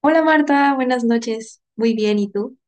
Hola Marta, buenas noches. Muy bien, ¿y tú?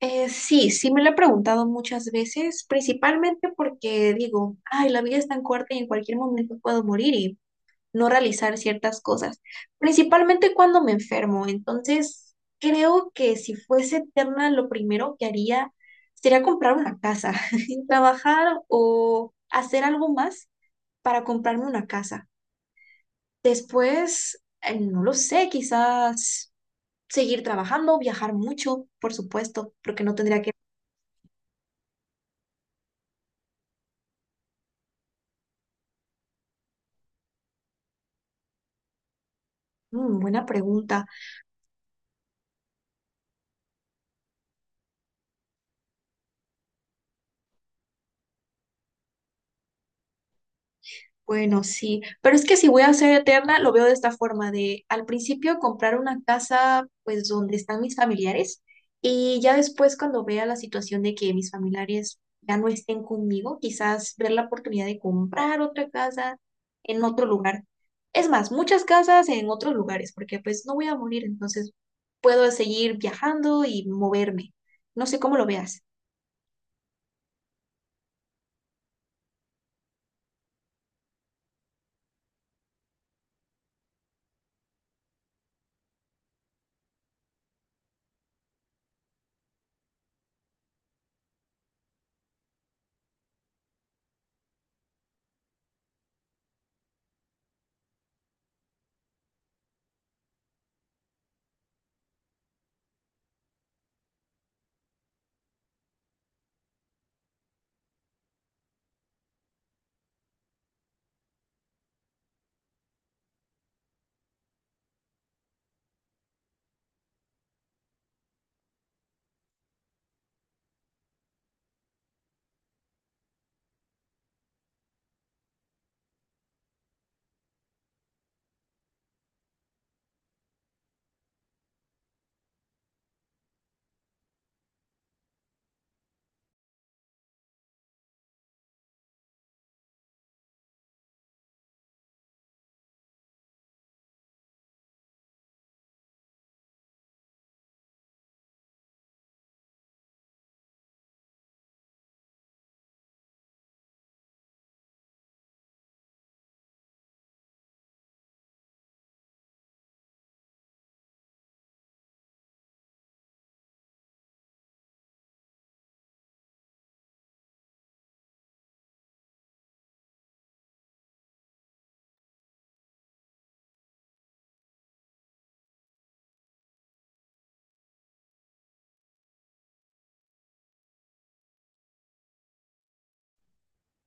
Sí, sí me lo he preguntado muchas veces, principalmente porque digo, ay, la vida es tan corta y en cualquier momento puedo morir y no realizar ciertas cosas, principalmente cuando me enfermo. Entonces, creo que si fuese eterna, lo primero que haría sería comprar una casa, trabajar o hacer algo más para comprarme una casa. Después, no lo sé, quizás seguir trabajando, viajar mucho, por supuesto, porque no tendría que... Mm, buena pregunta. Bueno, sí, pero es que si voy a ser eterna, lo veo de esta forma, de al principio comprar una casa, pues donde están mis familiares, y ya después cuando vea la situación de que mis familiares ya no estén conmigo, quizás ver la oportunidad de comprar otra casa en otro lugar. Es más, muchas casas en otros lugares, porque pues no voy a morir, entonces puedo seguir viajando y moverme. No sé cómo lo veas.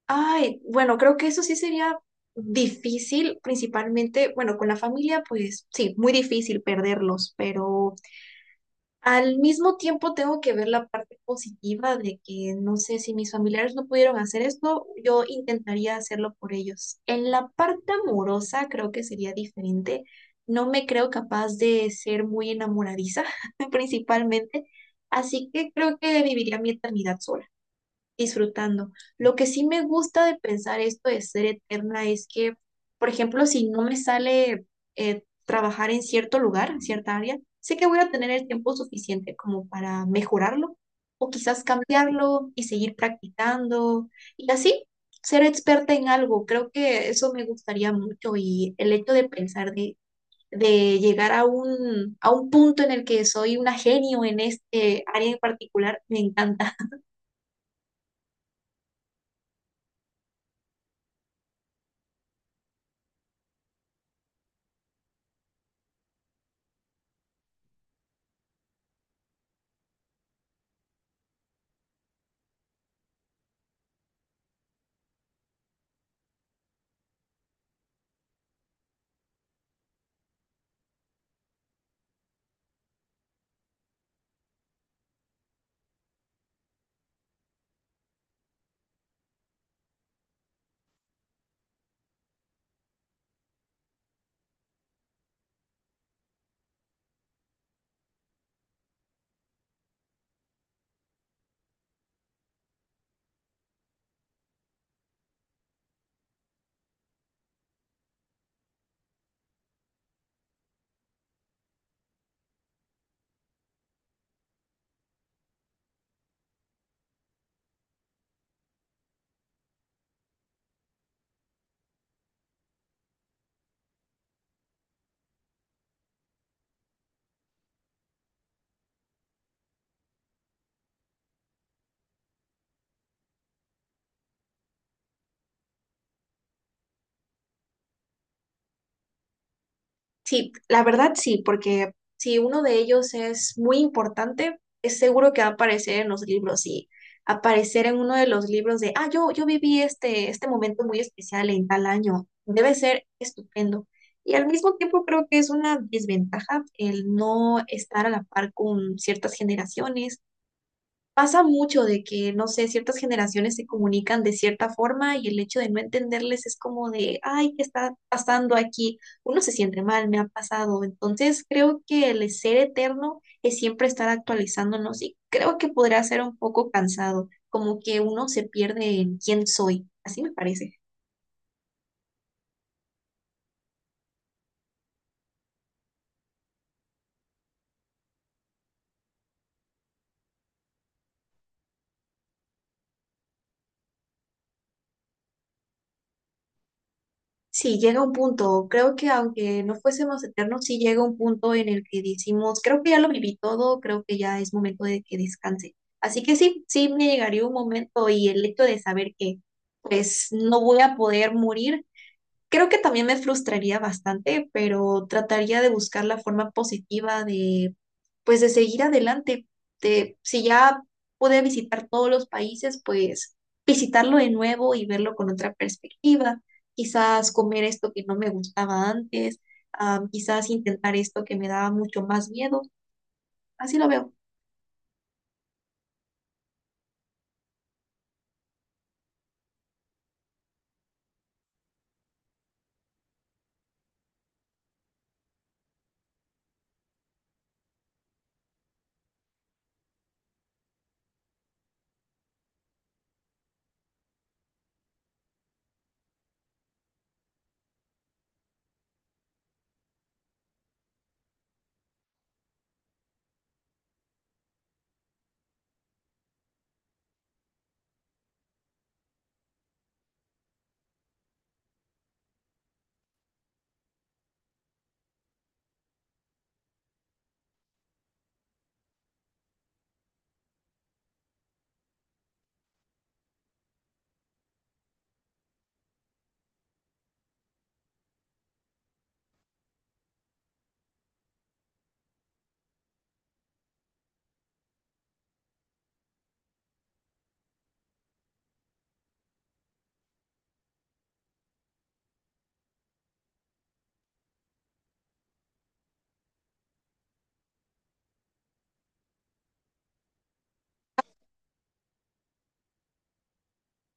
Ay, bueno, creo que eso sí sería difícil, principalmente, bueno, con la familia, pues sí, muy difícil perderlos, pero al mismo tiempo tengo que ver la parte positiva de que no sé si mis familiares no pudieron hacer esto, yo intentaría hacerlo por ellos. En la parte amorosa creo que sería diferente. No me creo capaz de ser muy enamoradiza, principalmente, así que creo que viviría mi eternidad sola disfrutando. Lo que sí me gusta de pensar esto de ser eterna es que, por ejemplo, si no me sale trabajar en cierto lugar, en cierta área, sé que voy a tener el tiempo suficiente como para mejorarlo o quizás cambiarlo y seguir practicando y así ser experta en algo. Creo que eso me gustaría mucho y el hecho de pensar de llegar a un punto en el que soy una genio en este área en particular, me encanta. Sí, la verdad sí, porque si uno de ellos es muy importante, es seguro que va a aparecer en los libros y aparecer en uno de los libros de, ah, yo viví este momento muy especial en tal año, debe ser estupendo. Y al mismo tiempo creo que es una desventaja el no estar a la par con ciertas generaciones. Pasa mucho de que, no sé, ciertas generaciones se comunican de cierta forma y el hecho de no entenderles es como de, ay, ¿qué está pasando aquí? Uno se siente mal, me ha pasado. Entonces, creo que el ser eterno es siempre estar actualizándonos y creo que podrá ser un poco cansado, como que uno se pierde en quién soy. Así me parece. Sí, llega un punto, creo que aunque no fuésemos eternos, sí llega un punto en el que decimos, creo que ya lo viví todo, creo que ya es momento de que descanse. Así que sí, sí me llegaría un momento y el hecho de saber que pues no voy a poder morir, creo que también me frustraría bastante, pero trataría de buscar la forma positiva de, pues, de seguir adelante. De, si ya pude visitar todos los países, pues visitarlo de nuevo y verlo con otra perspectiva. Quizás comer esto que no me gustaba antes, ah, quizás intentar esto que me daba mucho más miedo. Así lo veo.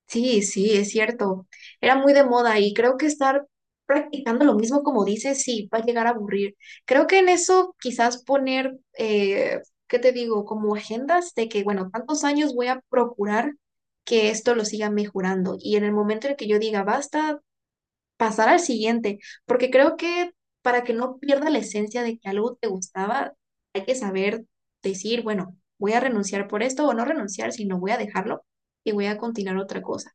Sí, sí, es cierto. Era muy de moda y creo que estar practicando lo mismo como dices, sí, va a llegar a aburrir. Creo que en eso quizás poner, ¿qué te digo? Como agendas de que, bueno, tantos años voy a procurar que esto lo siga mejorando y en el momento en el que yo diga basta, pasar al siguiente, porque creo que para que no pierda la esencia de que algo te gustaba, hay que saber decir, bueno, voy a renunciar por esto o no renunciar, sino voy a dejarlo y voy a continuar otra cosa.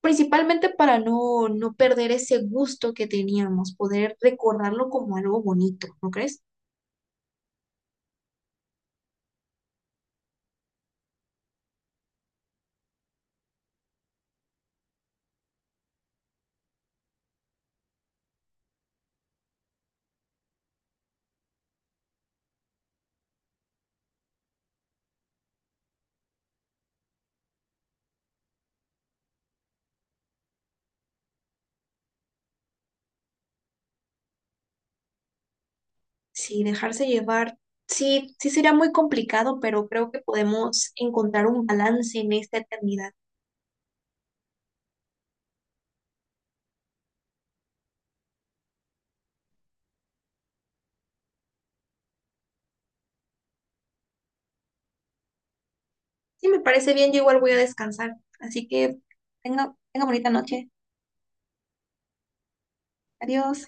Principalmente para no perder ese gusto que teníamos, poder recordarlo como algo bonito, ¿no crees? Sí, dejarse llevar, sí, sí sería muy complicado, pero creo que podemos encontrar un balance en esta eternidad. Sí, me parece bien, yo igual voy a descansar, así que tenga bonita noche. Adiós.